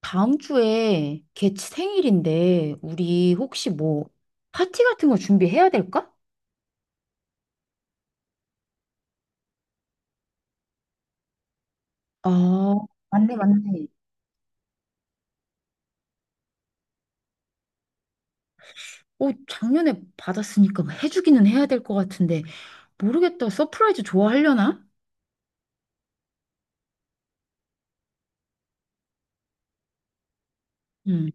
다음 주에 걔 생일인데 우리 혹시 뭐 파티 같은 거 준비해야 될까? 아, 맞네, 맞네. 어, 작년에 받았으니까 뭐 해주기는 해야 될 것 같은데 모르겠다. 서프라이즈 좋아하려나? 음,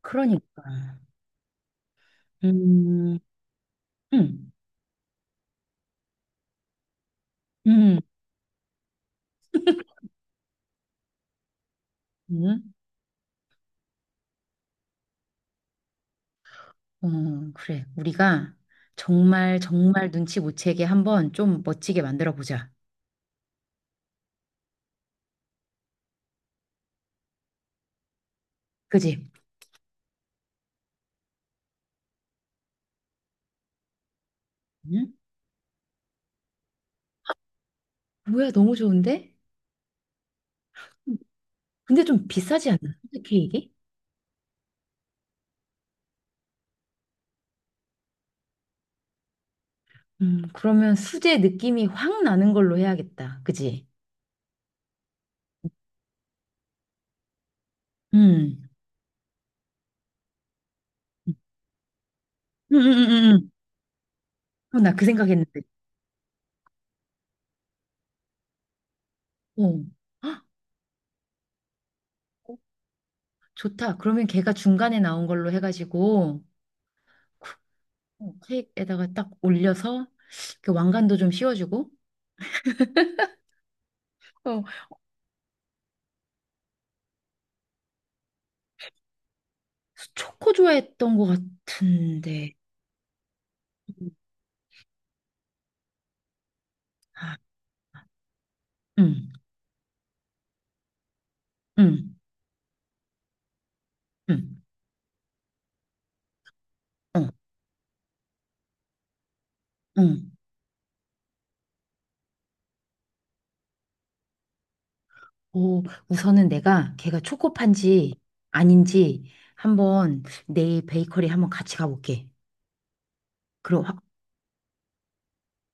그러니까. 음, 음, 음, 음, 어, 그래. 우리가 정말 정말 눈치 못 채게 한번 좀 멋지게 만들어 보자. 그지? 응? 뭐야, 너무 좋은데? 근데 좀 비싸지 않나? 케이크? 그러면 수제 느낌이 확 나는 걸로 해야겠다. 그지? 음. 음. 어, 나 그 생각했는데. 어. 헉, 어, 좋다. 그러면 걔가 중간에 나온 걸로 해가지고 쿡, 어, 케이크에다가 딱 올려서 그 왕관도 좀 씌워주고. 어, 초코 좋아했던 것 같은데. 아, 음, 음, 음, 어, 음. 오, 우선은 내가 걔가 초코파인지 아닌지 한번 내일 베이커리 한번 같이 가볼게. 그럼 확,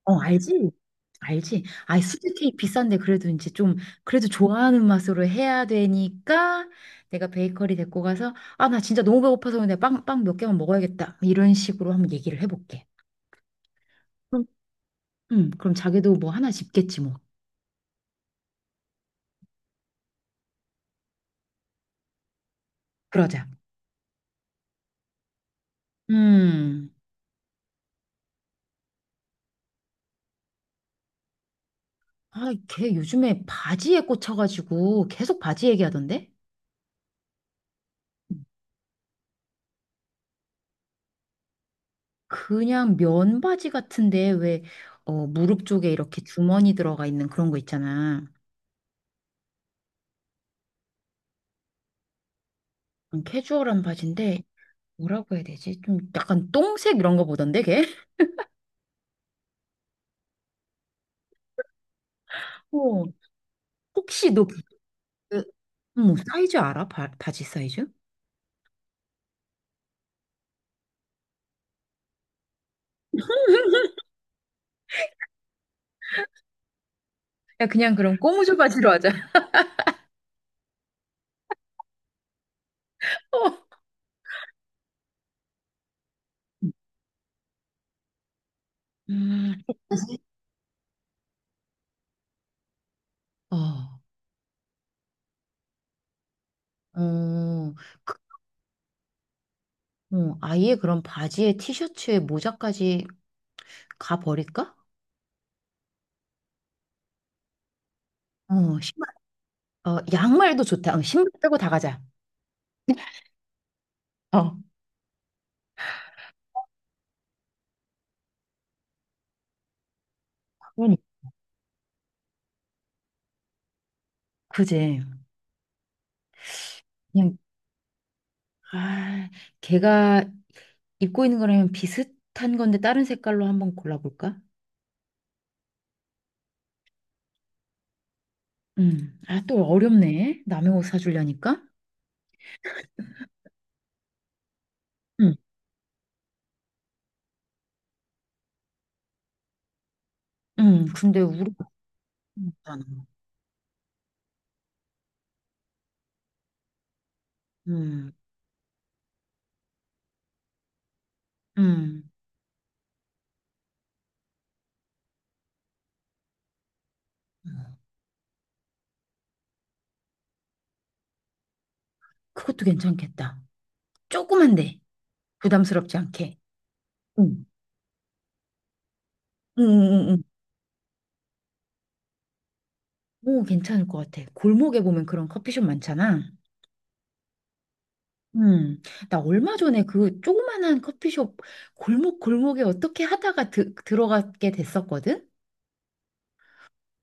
어, 알지? 알지? 아, 수제 케이크 비싼데 그래도 이제 좀 그래도 좋아하는 맛으로 해야 되니까 내가 베이커리 데리고 가서 아, 나 진짜 너무 배고파서 내가 빵 몇 개만 먹어야겠다. 이런 식으로 한번 얘기를 해볼게. 그럼, 그럼 자기도 뭐 하나 집겠지 뭐. 그러자. 음. 아, 걔 요즘에 바지에 꽂혀가지고 계속 바지 얘기하던데? 그냥 면 바지 같은데 왜 어, 무릎 쪽에 이렇게 주머니 들어가 있는 그런 거 있잖아. 캐주얼한 바지인데 뭐라고 해야 되지? 좀 약간 똥색 이런 거 보던데 걔? 어. 혹시 너 그, 뭐 사이즈 알아? 바지 사이즈? 야 그냥 그럼 꼬무조 바지로 하자. 어. 음, 바지? 어. 어, 그, 아예 그럼 바지에 티셔츠에 모자까지 가 버릴까? 어, 신발, 어, 양말도 좋다. 어, 신발 빼고 다 가자. 어, 그러니 그지. 그냥 아, 걔가 입고 있는 거랑 비슷한 건데 다른 색깔로 한번 골라볼까? 음. 아, 또 어렵네. 남의 옷 사주려니까. 음. 음. 근데 우리 없잖아. 음. 음. 그것도 괜찮겠다. 조그만데 부담스럽지 않게. 응. 응, 응, 응. 응. 오, 괜찮을 것 같아. 골목에 보면 그런 커피숍 많잖아. 음. 나 얼마 전에 그 조그만한 커피숍 골목 골목에 어떻게 하다가 들어가게 됐었거든.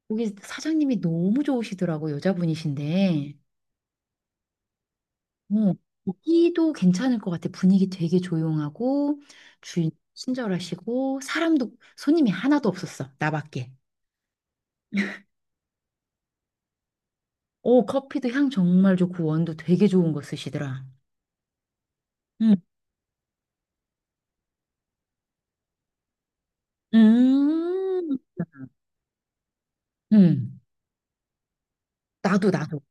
거기 사장님이 너무 좋으시더라고, 여자분이신데. 어, 거기도 괜찮을 것 같아. 분위기 되게 조용하고, 주인 친절하시고, 사람도, 손님이 하나도 없었어. 나밖에. 오, 커피도 향 정말 좋고, 원두 되게 좋은 거 쓰시더라. 응, 음, 음. 나도, 나도.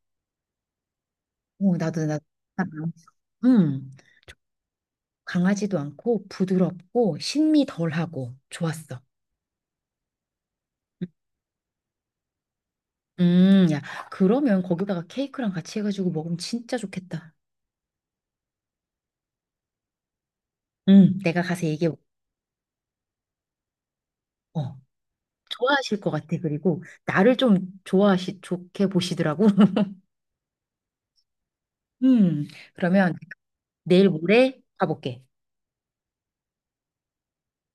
어, 나도, 나도. 음, 강하지도 않고, 부드럽고, 신미 덜하고, 좋았어. 야, 그러면 거기다가 케이크랑 같이 해가지고 먹으면 진짜 좋겠다. 응, 내가 가서 얘기해. 어. 좋아하실 것 같아. 그리고 나를 좀 좋게 보시더라고. 음, 그러면 내일 모레 가볼게.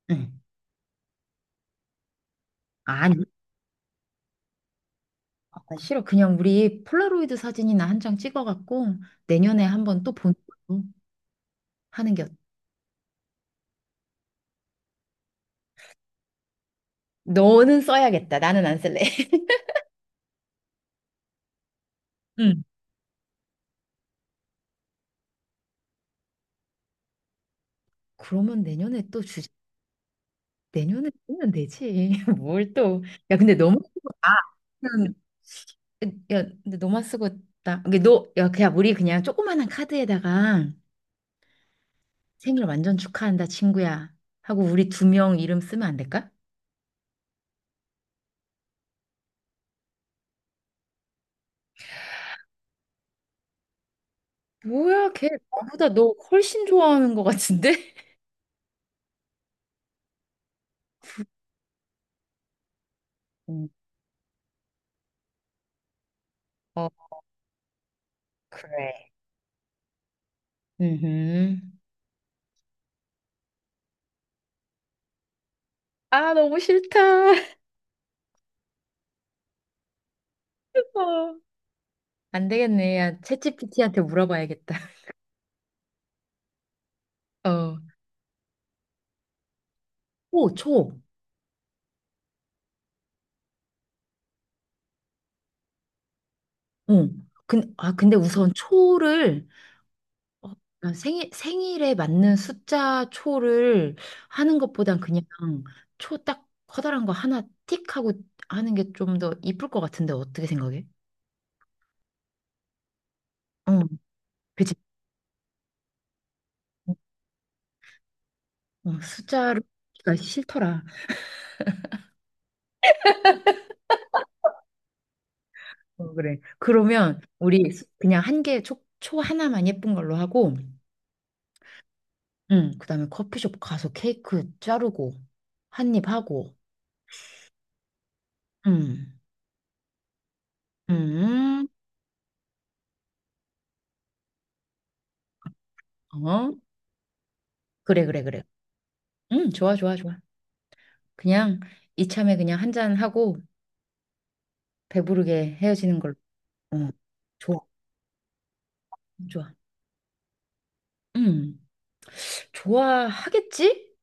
응. 아니, 아, 싫어. 그냥 우리 폴라로이드 사진이나 한 장 찍어갖고 내년에 한번 또 보는 걸로 하는 게 어때? 너는 써야겠다. 나는 안 쓸래. 응. 그러면 내년에 또 주제, 내년에 쓰면 되지. 뭘 또. 야, 근데 너무 쓰고 나 야, 근데 너만 쓰고 나, 이게 너, 야, 그냥 우리 그냥 조그만한 카드에다가 생일 완전 축하한다, 친구야. 하고 우리 두 명 이름 쓰면 안 될까? 뭐야, 걔 나보다 너 훨씬 좋아하는 것 같은데? 음. 어, 그래. 음. 아, 너무 싫다. 어. 안 되겠네. 야, 챗피티한테 물어봐야겠다. 어. 초, 초. 어. 근, 아, 근데 우선 초를 어, 난 생일에 맞는 숫자 초를 하는 것보단 그냥 초 딱 커다란 거 하나 틱 하고 하는 게 좀 더 이쁠 것 같은데 어떻게 생각해? 어, 그치. 어, 숫자가 싫더라. 어, 그래. 그러면 그냥 한 개, 초 하나만 예쁜 걸로 하고, 응, 그다음에 커피숍 가서 케이크 자르고, 한입 하고, 응, 응, 어, 그래, 그래, 그래. 응, 좋아, 좋아, 좋아. 그냥 이참에 그냥 한 잔하고 배부르게 헤어지는 걸로. 어, 좋아, 좋아. 음, 좋아하겠지?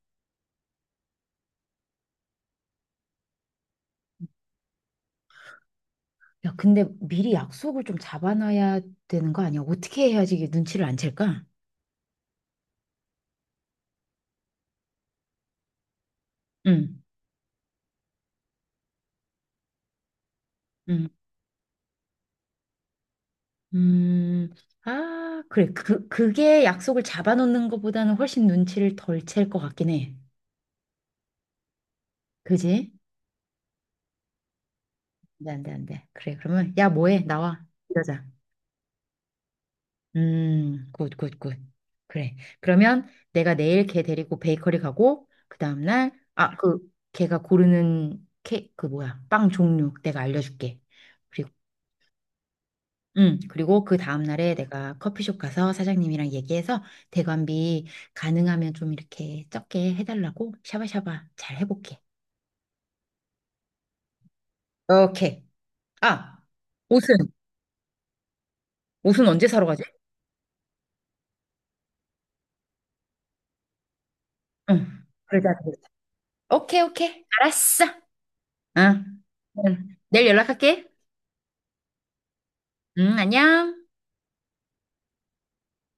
야, 근데 미리 약속을 좀 잡아놔야 되는 거 아니야? 어떻게 해야지 이게 눈치를 안 챌까? 응, 응, 음. 아, 그래. 그게 약속을 잡아놓는 것보다는 훨씬 눈치를 덜 챌 것 같긴 해. 그지? 안 돼, 안 돼, 안 돼. 그래, 그러면, 야, 뭐해? 나와. 이러자. 굿, 굿, 굿. 그래. 그러면 내가 내일 걔 데리고 베이커리 가고, 그 다음날, 아, 그, 걔가 고르는 케, 그 뭐야, 빵 종류 내가 알려줄게. 그리고, 그리고 그 다음날에 내가 커피숍 가서 사장님이랑 얘기해서 대관비 가능하면 좀 이렇게 적게 해달라고 샤바샤바 잘 해볼게. 오케이. 아, 옷은, 옷은 언제 사러 가지? 응. 그러자, 그러자. 오케이, 오케이. 알았어. 응. 응. 내일 연락할게. 응, 안녕.